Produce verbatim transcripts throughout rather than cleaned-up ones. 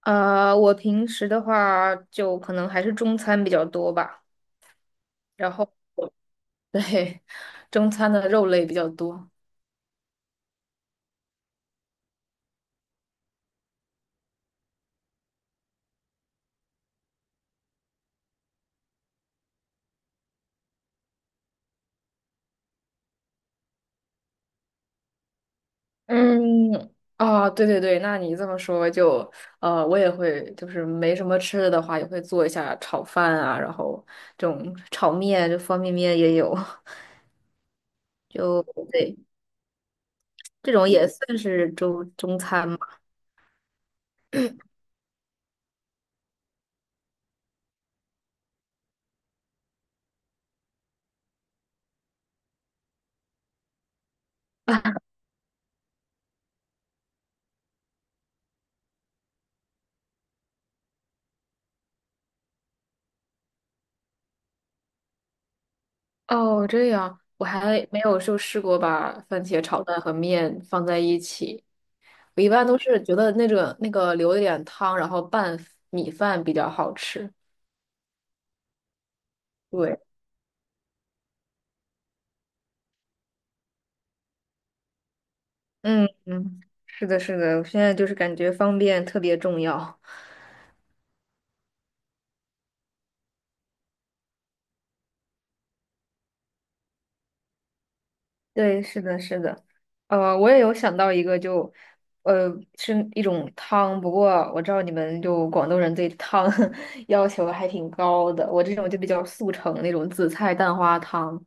呃，我平时的话就可能还是中餐比较多吧，然后 对，中餐的肉类比较多。嗯，啊，对对对，那你这么说就，呃，我也会，就是没什么吃的的话，也会做一下炒饭啊，然后这种炒面，就方便面也有，就对，这种也算是中中餐嘛。哦，这样，我还没有就试过把番茄炒蛋和面放在一起。我一般都是觉得那个那个留一点汤，然后拌米饭比较好吃。对，嗯嗯，是的，是的，我现在就是感觉方便特别重要。对，是的，是的，呃，我也有想到一个就，呃，是一种汤，不过我知道你们就广东人对汤 要求还挺高的，我这种就比较速成那种紫菜蛋花汤。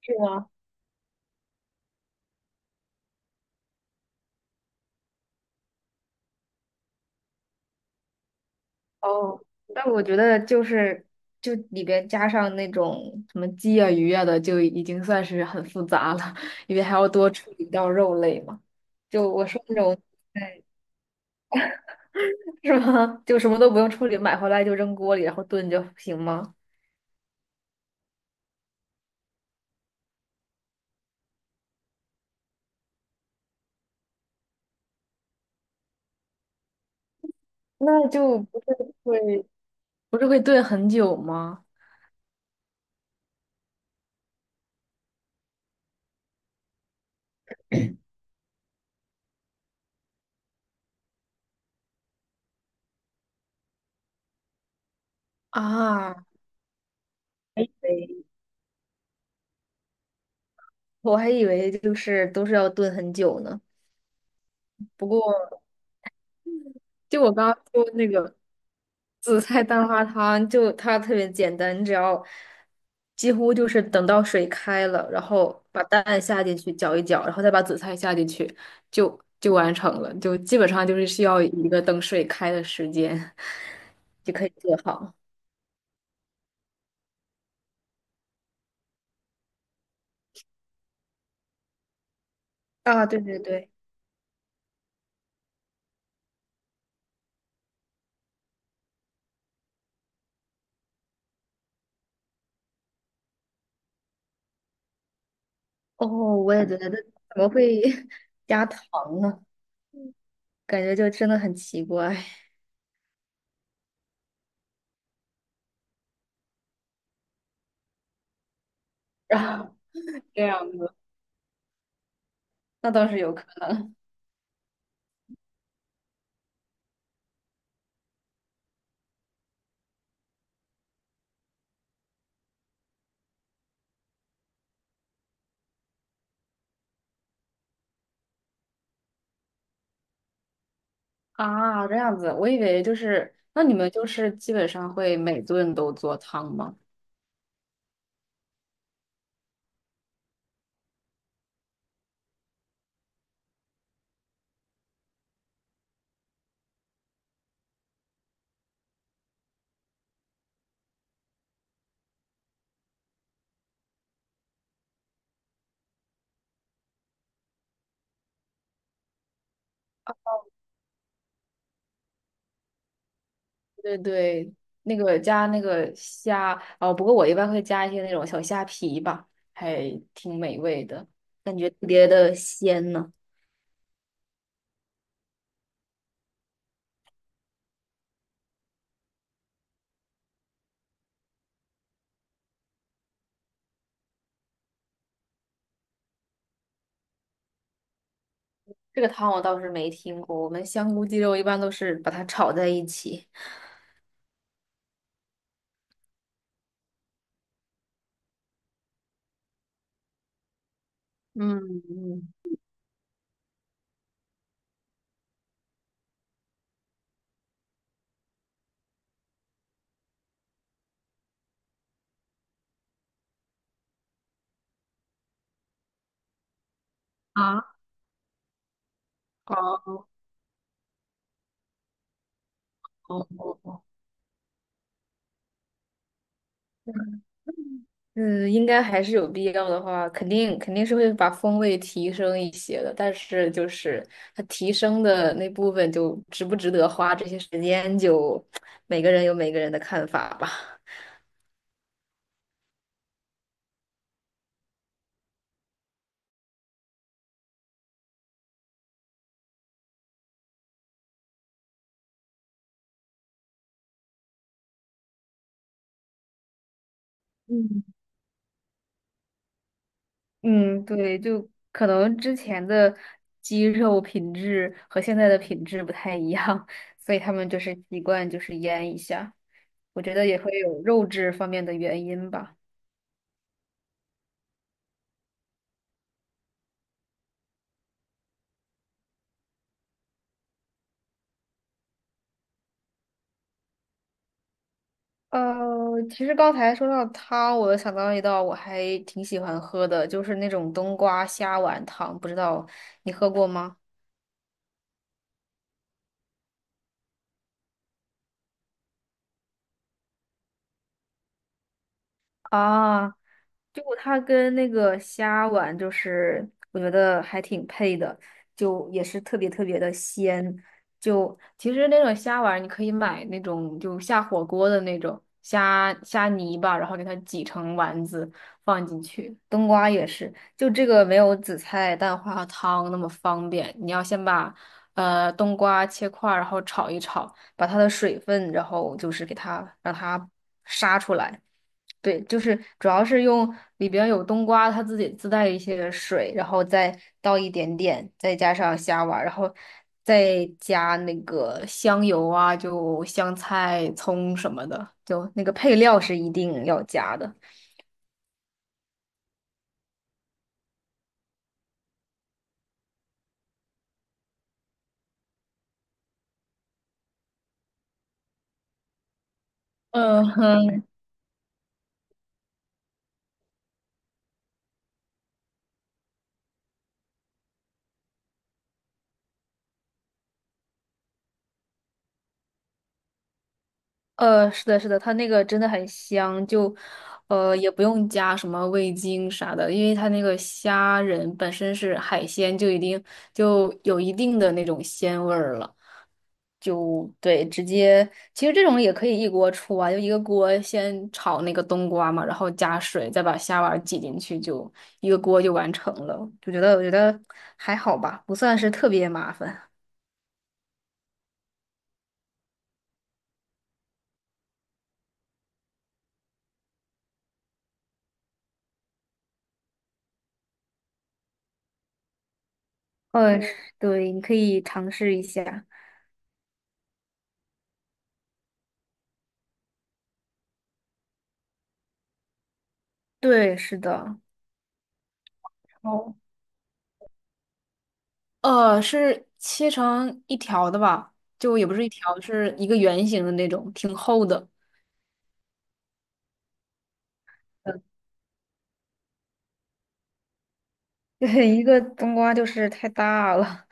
是吗？哦，但我觉得就是就里边加上那种什么鸡啊、鱼啊的，就已经算是很复杂了，因为还要多处理掉肉类嘛。就我说那种，对，是吗？就什么都不用处理，买回来就扔锅里，然后炖就行吗？那就不是会不是会炖很久吗？啊，还以为我还以为就是都是要炖很久呢。不过就我刚刚说那个。紫菜蛋花汤就它特别简单，你只要几乎就是等到水开了，然后把蛋下进去搅一搅，然后再把紫菜下进去，就就完成了。就基本上就是需要一个等水开的时间 就可以做好。啊，对对对，哦，我也觉得这怎么会 加糖呢？感觉就真的很奇怪。然后这样子，那倒是有。可能啊，这样子，我以为就是，那你们就是基本上会每顿都做汤吗？对对，那个加那个虾，哦，不过我一般会加一些那种小虾皮吧，还挺美味的，感觉特别的鲜呢。这个汤我倒是没听过，我们香菇鸡肉一般都是把它炒在一起。嗯，嗯。嗯，应该还是有必要的话，肯定肯定是会把风味提升一些的，但是就是它提升的那部分，就值不值得花这些时间，就每个人有每个人的看法吧。嗯嗯，对，就可能之前的鸡肉品质和现在的品质不太一样，所以他们就是习惯就是腌一下，我觉得也会有肉质方面的原因吧。呃，其实刚才说到汤，我又想到一道我还挺喜欢喝的，就是那种冬瓜虾丸汤，不知道你喝过吗？啊，就它跟那个虾丸，就是我觉得还挺配的，就也是特别特别的鲜。就其实那种虾丸，你可以买那种就下火锅的那种虾虾泥吧，然后给它挤成丸子放进去。冬瓜也是，就这个没有紫菜蛋花汤那么方便，你要先把呃冬瓜切块儿，然后炒一炒，把它的水分，然后就是给它让它杀出来。对，就是主要是用里边有冬瓜，它自己自带一些水，然后再倒一点点，再加上虾丸儿，然后再加那个香油啊，就香菜、葱什么的，就那个配料是一定要加的。嗯哼，呃，是的，是的，它那个真的很香，就呃也不用加什么味精啥的，因为它那个虾仁本身是海鲜，就已经就有一定的那种鲜味儿了。就对，直接其实这种也可以一锅出啊，就一个锅先炒那个冬瓜嘛，然后加水，再把虾丸挤进去，就一个锅就完成了。就觉得我觉得还好吧，不算是特别麻烦。呃，嗯对，你可以尝试一下。对，是的。哦，呃，是切成一条的吧？就也不是一条，是一个圆形的那种，挺厚的。对，一个冬瓜就是太大了，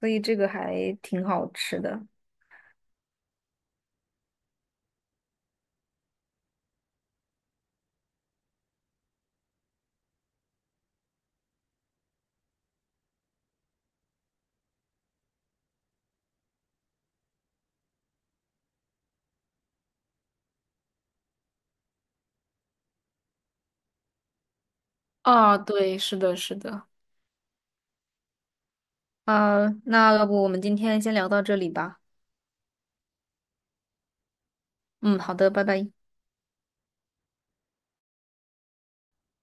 所以这个还挺好吃的。啊，对，是的，是的。啊，那要不我们今天先聊到这里吧。嗯，好的，拜拜。